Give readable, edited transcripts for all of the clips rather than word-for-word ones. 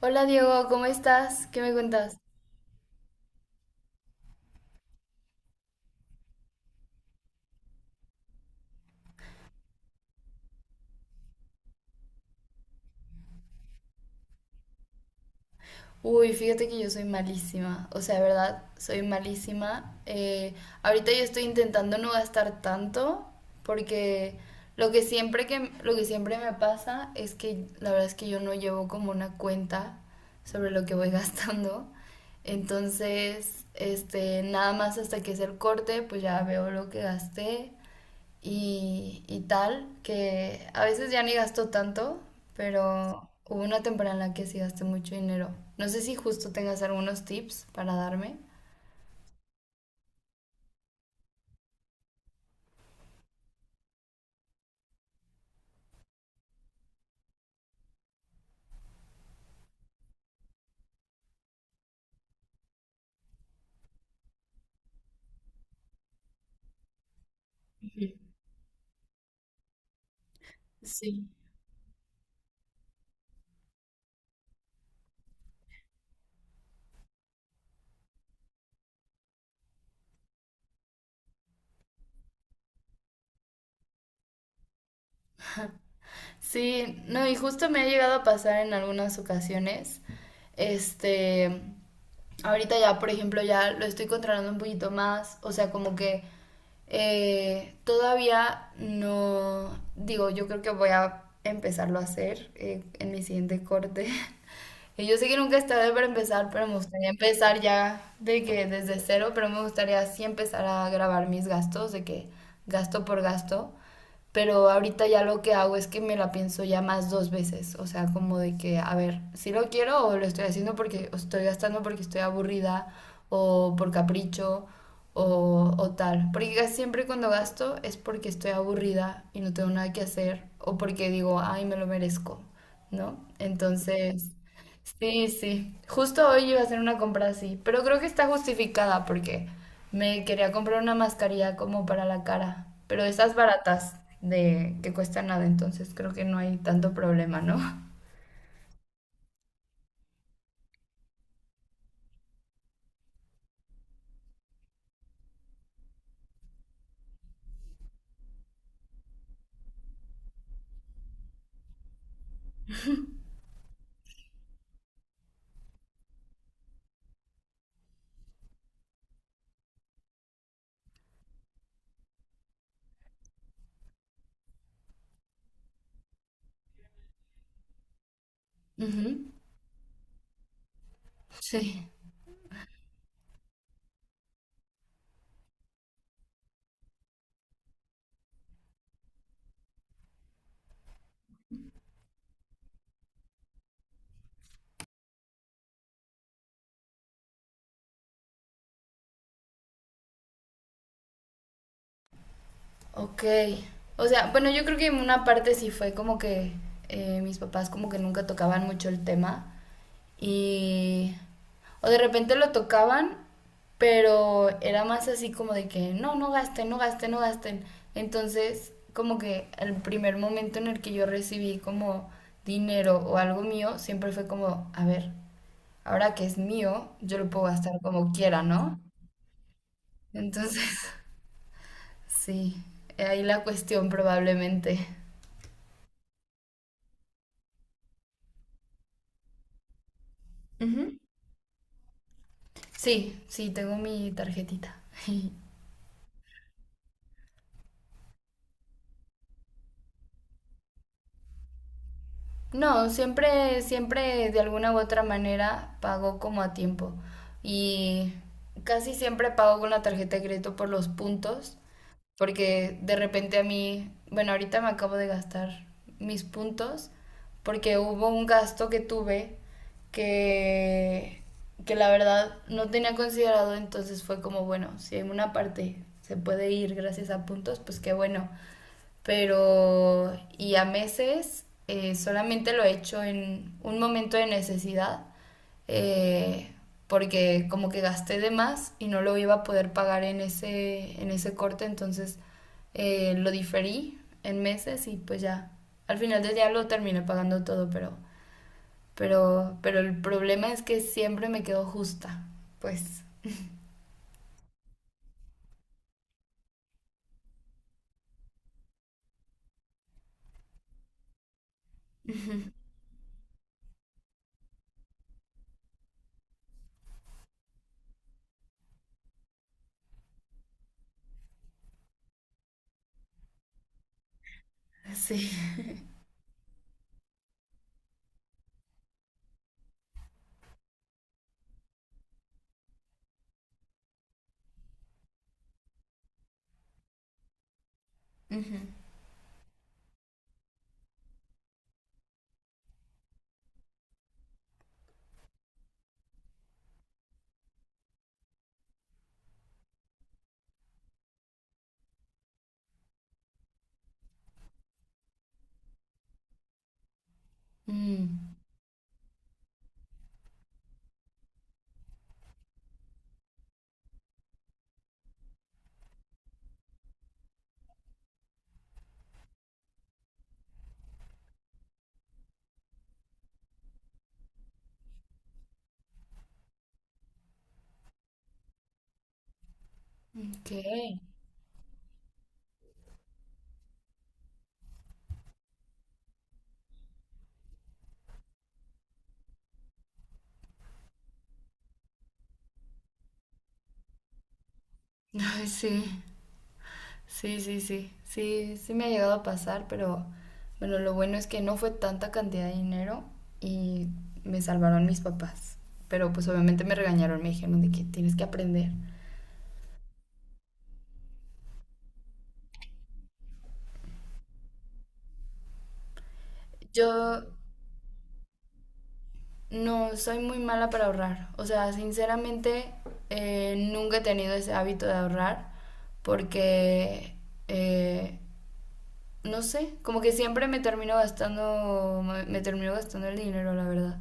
Hola Diego, ¿cómo estás? ¿Qué me cuentas? Uy, fíjate que yo soy malísima, o sea, de verdad, soy malísima. Ahorita yo estoy intentando no gastar tanto porque lo que siempre me pasa es que la verdad es que yo no llevo como una cuenta sobre lo que voy gastando. Entonces, nada más hasta que es el corte, pues ya veo lo que gasté. Y tal, que a veces ya ni gasto tanto, pero hubo una temporada en la que sí gasté mucho dinero. No sé si justo tengas algunos tips para darme. Sí. Sí, no, y justo me ha llegado a pasar en algunas ocasiones. Este, Ahorita ya, por ejemplo, ya lo estoy controlando un poquito más. O sea, como que todavía no, digo, yo creo que voy a empezarlo a hacer en mi siguiente corte. Y yo sé que nunca es tarde para empezar, pero me gustaría empezar ya de que desde cero, pero me gustaría sí empezar a grabar mis gastos, de que gasto por gasto. Pero ahorita ya lo que hago es que me la pienso ya más dos veces, o sea, como de que, a ver, si lo quiero o lo estoy haciendo porque o estoy gastando porque estoy aburrida o por capricho o tal, porque casi siempre cuando gasto es porque estoy aburrida y no tengo nada que hacer o porque digo, ay, me lo merezco, ¿no? Entonces... Sí, sí. Justo hoy iba a hacer una compra así, pero creo que está justificada porque me quería comprar una mascarilla como para la cara, pero esas baratas de que cuestan nada, entonces creo que no hay tanto problema, ¿no? Ujú. Sí. Ok. O sea, bueno, yo creo que en una parte sí fue como que mis papás como que nunca tocaban mucho el tema y... O de repente lo tocaban, pero era más así como de que no, no gasten, no gasten, no gasten. Entonces, como que el primer momento en el que yo recibí como dinero o algo mío, siempre fue como, a ver, ahora que es mío, yo lo puedo gastar como quiera, ¿no? Entonces, sí, ahí la cuestión probablemente. Ujú. Sí, sí, tengo mi tarjetita. No, siempre, siempre de alguna u otra manera pago como a tiempo. Y casi siempre pago con la tarjeta de crédito por los puntos, porque de repente a mí, bueno, ahorita me acabo de gastar mis puntos, porque hubo un gasto que tuve que, que la verdad no tenía considerado, entonces fue como, bueno, si en una parte se puede ir gracias a puntos, pues qué bueno. Pero y a meses solamente lo he hecho en un momento de necesidad, eh, porque como que gasté de más y no lo iba a poder pagar en en ese corte, entonces lo diferí en meses y pues ya, al final del día lo terminé pagando todo, pero el problema es que siempre me quedo justa, pues sí. Ujú. Mm, ok. Ay, sí. Sí, me ha llegado a pasar, pero bueno, lo bueno es que no fue tanta cantidad de dinero y me salvaron mis papás. Pero pues obviamente me regañaron, me dijeron de que tienes que aprender. Yo no soy muy mala para ahorrar, o sea, sinceramente nunca he tenido ese hábito de ahorrar porque, eh, no sé, como que siempre me termino gastando, me termino gastando el dinero, la verdad.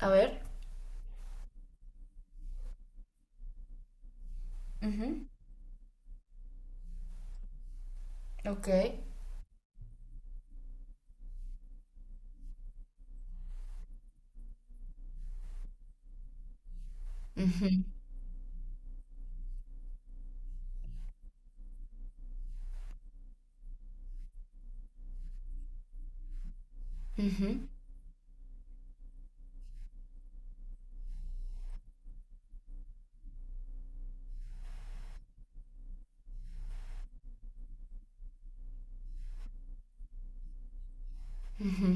A ver. Ujú. Ok. Ujú, ujú, ujú.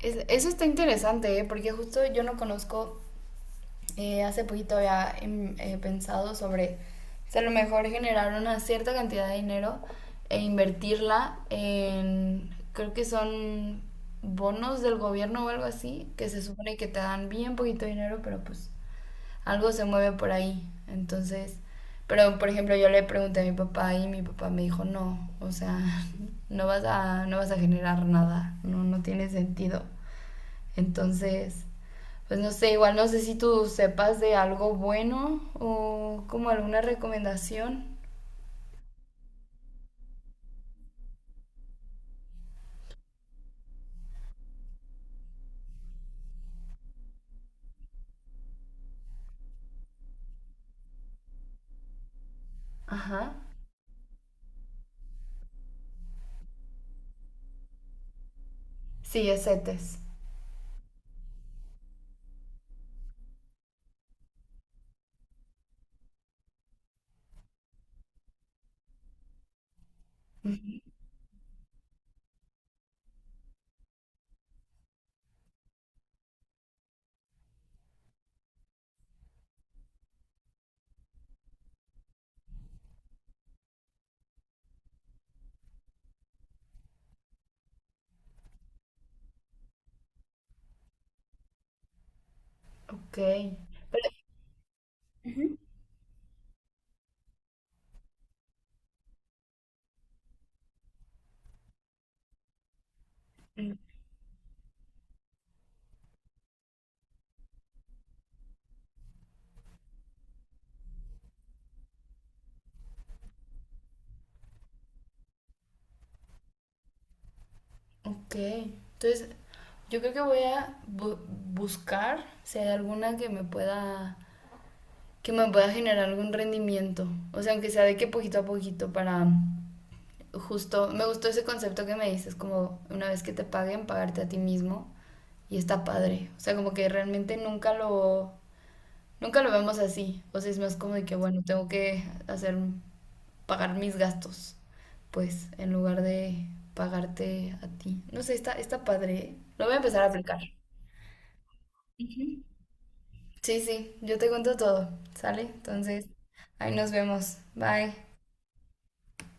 Eso está interesante, ¿eh? Porque justo yo no conozco, hace poquito había pensado sobre si a lo mejor generar una cierta cantidad de dinero e invertirla en, creo que son bonos del gobierno o algo así, que se supone que te dan bien poquito dinero, pero pues algo se mueve por ahí. Entonces, pero por ejemplo, yo le pregunté a mi papá y mi papá me dijo, no, o sea, no vas a generar nada, no, no tiene sentido. Entonces, pues no sé, igual no sé si tú sepas de algo bueno o como alguna recomendación. Ajá. Sí, es CETES. Ok. Pero, ujú. Mm, ok. Entonces, yo creo que voy a buscar si hay alguna que me pueda generar algún rendimiento. O sea, aunque sea de que poquito a poquito para justo, me gustó ese concepto que me dices, como una vez que te paguen, pagarte a ti mismo. Y está padre. O sea, como que realmente nunca nunca lo vemos así. O sea, es más como de que, bueno, tengo que hacer, pagar mis gastos, pues, en lugar de pagarte a ti. No sé, está padre. ¿Eh? Lo voy a empezar a aplicar. Sí, sí, yo te cuento todo, ¿sale? Entonces, ahí nos vemos. Bye.